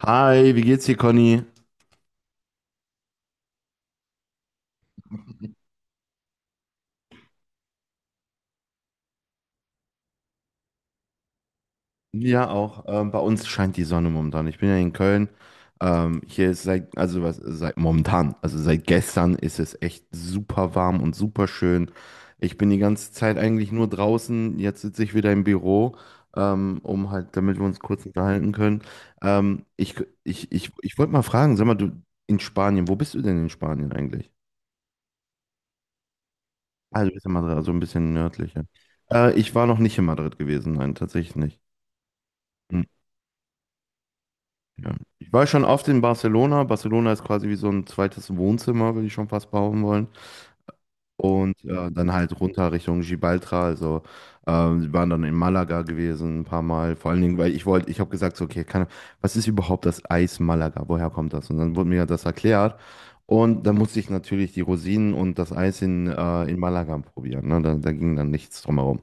Hi, wie geht's dir, Conny? Ja, auch. Bei uns scheint die Sonne momentan. Ich bin ja in Köln. Hier ist seit, also was, seit momentan, also seit gestern ist es echt super warm und super schön. Ich bin die ganze Zeit eigentlich nur draußen. Jetzt sitze ich wieder im Büro, um halt, damit wir uns kurz unterhalten können. Ähm, ich ich wollte mal fragen, sag mal, du in Spanien, wo bist du denn in Spanien eigentlich? Also, du bist in Madrid, also ein bisschen nördlicher. Ich war noch nicht in Madrid gewesen, nein, tatsächlich nicht. Hm. Ja. Ich war schon oft in Barcelona. Barcelona ist quasi wie so ein zweites Wohnzimmer, würde ich schon fast behaupten wollen. Und dann halt runter Richtung Gibraltar. Also wir waren dann in Malaga gewesen ein paar Mal. Vor allen Dingen, weil ich wollte, ich habe gesagt, so, okay, keine- was ist überhaupt das Eis Malaga? Woher kommt das? Und dann wurde mir das erklärt. Und dann musste ich natürlich die Rosinen und das Eis in Malaga probieren. Ne? Da ging dann nichts drumherum.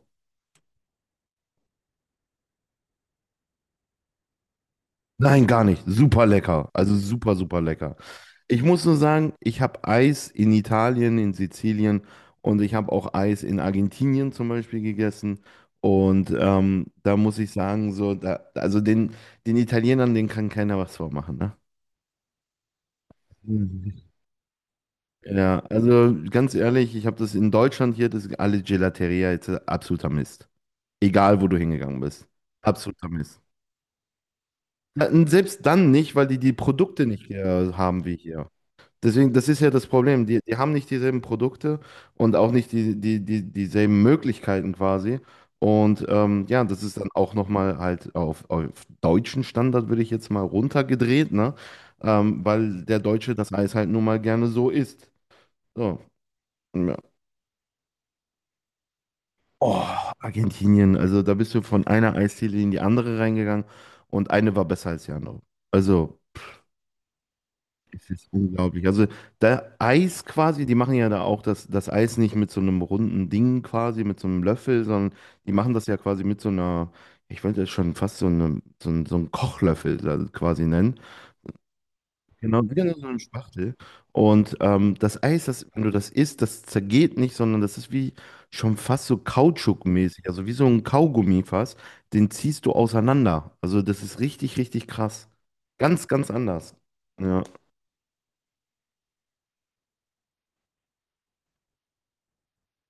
Nein, gar nicht. Super lecker. Also super, super lecker. Ich muss nur sagen, ich habe Eis in Italien, in Sizilien und ich habe auch Eis in Argentinien zum Beispiel gegessen. Und da muss ich sagen, so, da, also den, den Italienern, den kann keiner was vormachen, ne? Mhm. Ja, also ganz ehrlich, ich habe das in Deutschland hier, das alle Gelateria jetzt absoluter Mist. Egal, wo du hingegangen bist. Absoluter Mist. Ja, und selbst dann nicht, weil die Produkte nicht haben wie hier. Deswegen, das ist ja das Problem. Die haben nicht dieselben Produkte und auch nicht dieselben Möglichkeiten quasi. Und ja, das ist dann auch nochmal halt auf deutschen Standard, würde ich jetzt mal runtergedreht, ne? Weil der Deutsche das Eis halt nun mal gerne so isst. So. Ja. Oh, Argentinien. Also da bist du von einer Eisdiele in die andere reingegangen und eine war besser als die andere. Also. Es ist unglaublich. Also da Eis quasi, die machen ja da auch das Eis nicht mit so einem runden Ding quasi, mit so einem Löffel, sondern die machen das ja quasi mit so einer, ich wollte das schon fast so, einen Kochlöffel da quasi nennen. Genau, wieder nur so eine Spachtel. Und das Eis, das, wenn du das isst, das zergeht nicht, sondern das ist wie schon fast so kautschukmäßig, also wie so ein Kaugummi fast, den ziehst du auseinander. Also das ist richtig, richtig krass. Ganz, ganz anders. Ja.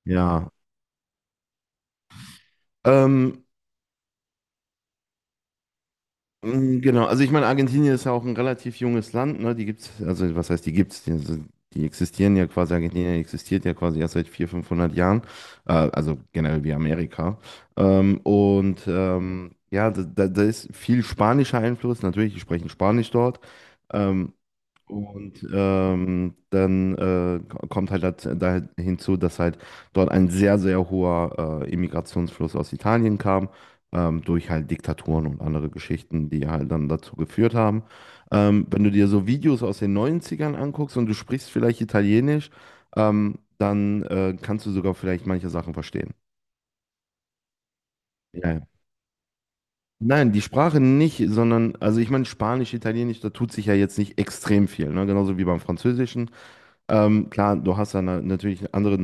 Ja. Ähm, Genau, also ich meine, Argentinien ist ja auch ein relativ junges Land, ne? Die gibt's, also was heißt, die gibt's? Die, also, die existieren ja quasi, Argentinien existiert ja quasi erst seit 400, 500 Jahren, also generell wie Amerika. Ja, da ist viel spanischer Einfluss, natürlich, die sprechen Spanisch dort. Ähm, dann kommt halt da hinzu, dass halt dort ein sehr, sehr hoher Immigrationsfluss aus Italien kam, durch halt Diktaturen und andere Geschichten, die halt dann dazu geführt haben. Wenn du dir so Videos aus den Neunzigern anguckst und du sprichst vielleicht Italienisch, dann kannst du sogar vielleicht manche Sachen verstehen. Ja. Ja. Nein, die Sprache nicht, sondern, also ich meine, Spanisch, Italienisch, da tut sich ja jetzt nicht extrem viel, ne? Genauso wie beim Französischen. Klar, du hast dann natürlich eine andere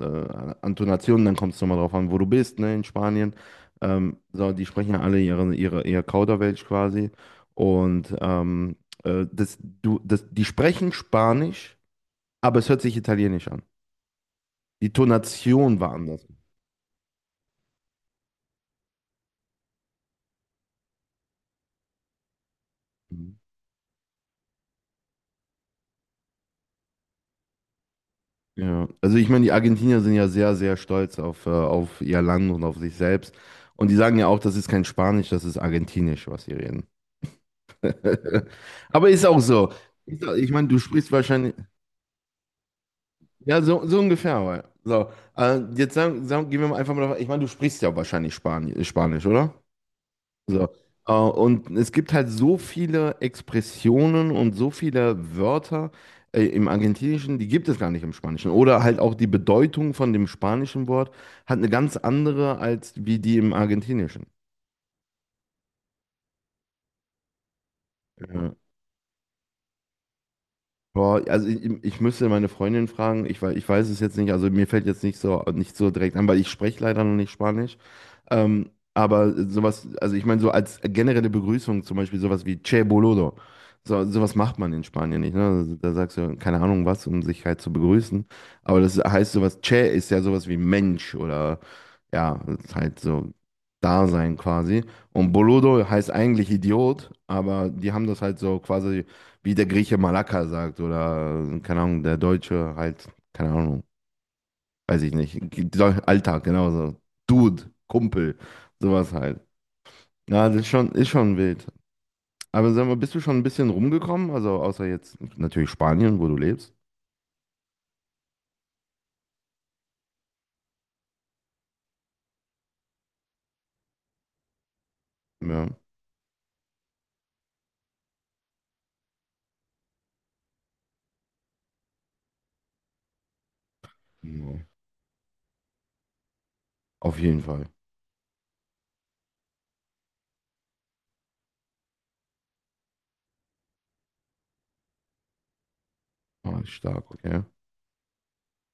Antonation, dann kommt es nochmal drauf an, wo du bist, ne, in Spanien. So, die sprechen ja alle ihr Kauderwelsch quasi. Und ähm, Das, du, das, die sprechen Spanisch, aber es hört sich Italienisch an. Die Tonation war anders. Mhm. Ja, also ich meine, die Argentinier sind ja sehr, sehr stolz auf ihr Land und auf sich selbst. Und die sagen ja auch, das ist kein Spanisch, das ist Argentinisch, was sie reden. Aber ist auch so. Ich meine, du sprichst wahrscheinlich, ja, so, so ungefähr. Aber. So, gehen wir mal einfach mal davon, ich meine, du sprichst ja wahrscheinlich Spanisch, oder? So. Und es gibt halt so viele Expressionen und so viele Wörter im Argentinischen, die gibt es gar nicht im Spanischen. Oder halt auch die Bedeutung von dem spanischen Wort hat eine ganz andere als wie die im Argentinischen. Ja. Boah, also ich müsste meine Freundin fragen, ich weiß es jetzt nicht, also mir fällt jetzt nicht so, nicht so direkt an, weil ich spreche leider noch nicht Spanisch. Aber sowas, also ich meine, so als generelle Begrüßung zum Beispiel sowas wie Che Boludo. So, sowas macht man in Spanien nicht, ne? Also da sagst du, keine Ahnung was, um sich halt zu begrüßen. Aber das heißt sowas, Che ist ja sowas wie Mensch oder ja, ist halt so Dasein quasi. Und Boludo heißt eigentlich Idiot, aber die haben das halt so quasi wie der Grieche Malaka sagt oder, keine Ahnung, der Deutsche halt, keine Ahnung, weiß ich nicht. Alltag, genauso. Dude, Kumpel, sowas halt. Ja, das ist schon wild. Aber sag mal, bist du schon ein bisschen rumgekommen? Also außer jetzt natürlich Spanien, wo du lebst. Ja, ja. Auf jeden Fall. Ah, stark, okay.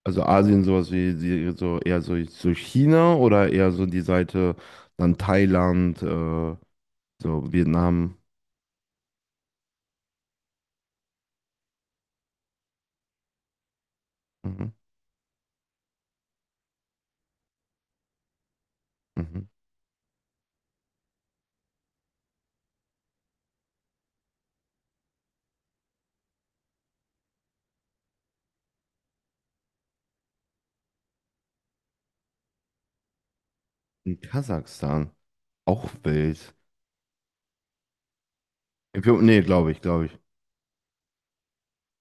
Also Asien, so eher so, so China oder eher so die Seite dann Thailand, so Vietnam, mhm. Mhm. Und Kasachstan. Auch wild. Äthiopen, nee, glaube ich, glaube ich.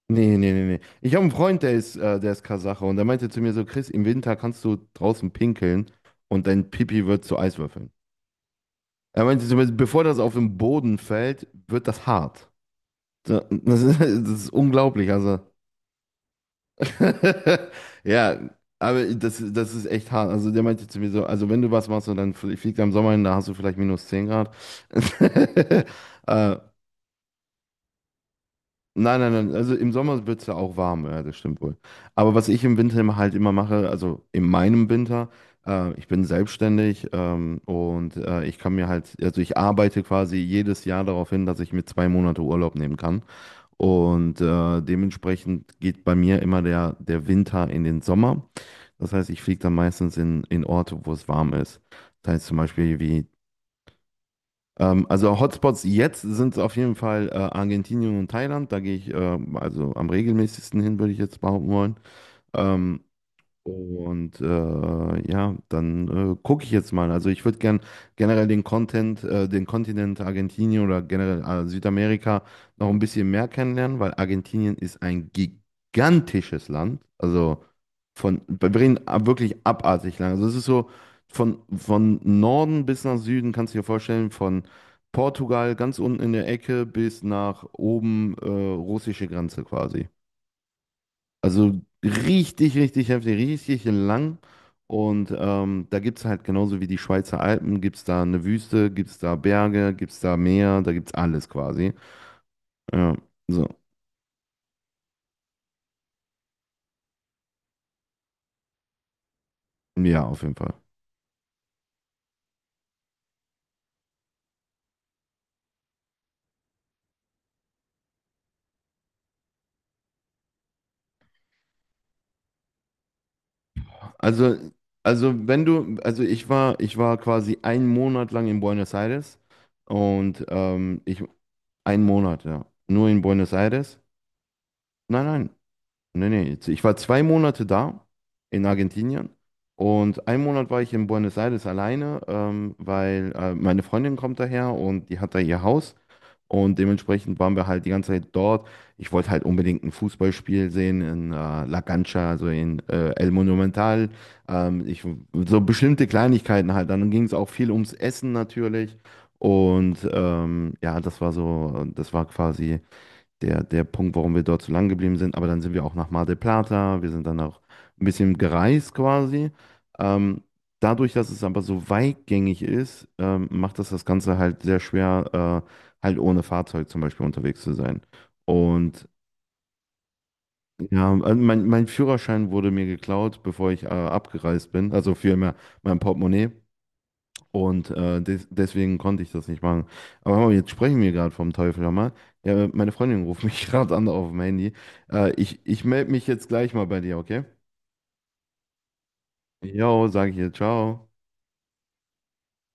Nee, nee, nee, nee. Ich habe einen Freund, der ist Kasache und der meinte zu mir so, Chris, im Winter kannst du draußen pinkeln und dein Pipi wird zu Eiswürfeln. Er meinte zu mir, bevor das auf den Boden fällt, wird das hart. So, das ist, das ist unglaublich, also. Ja, aber das, das ist echt hart. Also der meinte zu mir so, also wenn du was machst und dann fliegt am Sommer hin, da hast du vielleicht minus 10 Grad. äh, Nein, nein, nein. Also im Sommer wird es ja auch warm, ja, das stimmt wohl. Aber was ich im Winter immer halt immer mache, also in meinem Winter, ich bin selbstständig, ich kann mir halt, also ich arbeite quasi jedes Jahr darauf hin, dass ich mir 2 Monate Urlaub nehmen kann. Und dementsprechend geht bei mir immer der, der Winter in den Sommer. Das heißt, ich fliege dann meistens in Orte, wo es warm ist. Das heißt zum Beispiel wie also Hotspots jetzt sind es auf jeden Fall Argentinien und Thailand. Da gehe ich also am regelmäßigsten hin, würde ich jetzt behaupten wollen. Ähm, ja, dann gucke ich jetzt mal. Also ich würde gern generell den Kontinent Argentinien oder generell Südamerika noch ein bisschen mehr kennenlernen, weil Argentinien ist ein gigantisches Land. Also von, wir reden wirklich abartig lang. Also es ist so von Norden bis nach Süden, kannst du dir vorstellen, von Portugal ganz unten in der Ecke bis nach oben russische Grenze quasi. Also richtig, richtig heftig, richtig lang. Und da gibt es halt genauso wie die Schweizer Alpen, gibt es da eine Wüste, gibt es da Berge, gibt es da Meer, da gibt es alles quasi. Ja, so, ja, auf jeden Fall. Also, also wenn du, also ich war quasi einen Monat lang in Buenos Aires und einen Monat, ja, nur in Buenos Aires. Nein, nee, nee, jetzt- ich war 2 Monate da in Argentinien und einen Monat war ich in Buenos Aires alleine, weil meine Freundin kommt daher und die hat da ihr Haus und dementsprechend waren wir halt die ganze Zeit dort. Ich wollte halt unbedingt ein Fußballspiel sehen in La Cancha, also in El Monumental. Ähm, ich, so bestimmte Kleinigkeiten halt. Dann ging es auch viel ums Essen natürlich und ja, das war so, das war quasi der, der Punkt, warum wir dort so lang geblieben sind. Aber dann sind wir auch nach Mar del Plata, wir sind dann auch ein bisschen gereist quasi. Ähm, Dadurch, dass es aber so weitgängig ist, macht das das Ganze halt sehr schwer, halt ohne Fahrzeug zum Beispiel unterwegs zu sein. Und ja, also mein Führerschein wurde mir geklaut, bevor ich abgereist bin, also für mein, mein Portemonnaie. Und deswegen konnte ich das nicht machen. Aber hör mal, jetzt sprechen wir gerade vom Teufel, hör mal. Ja, meine Freundin ruft mich gerade an auf dem Handy. Ich melde mich jetzt gleich mal bei dir, okay? Jo, sage ich ihr, ciao.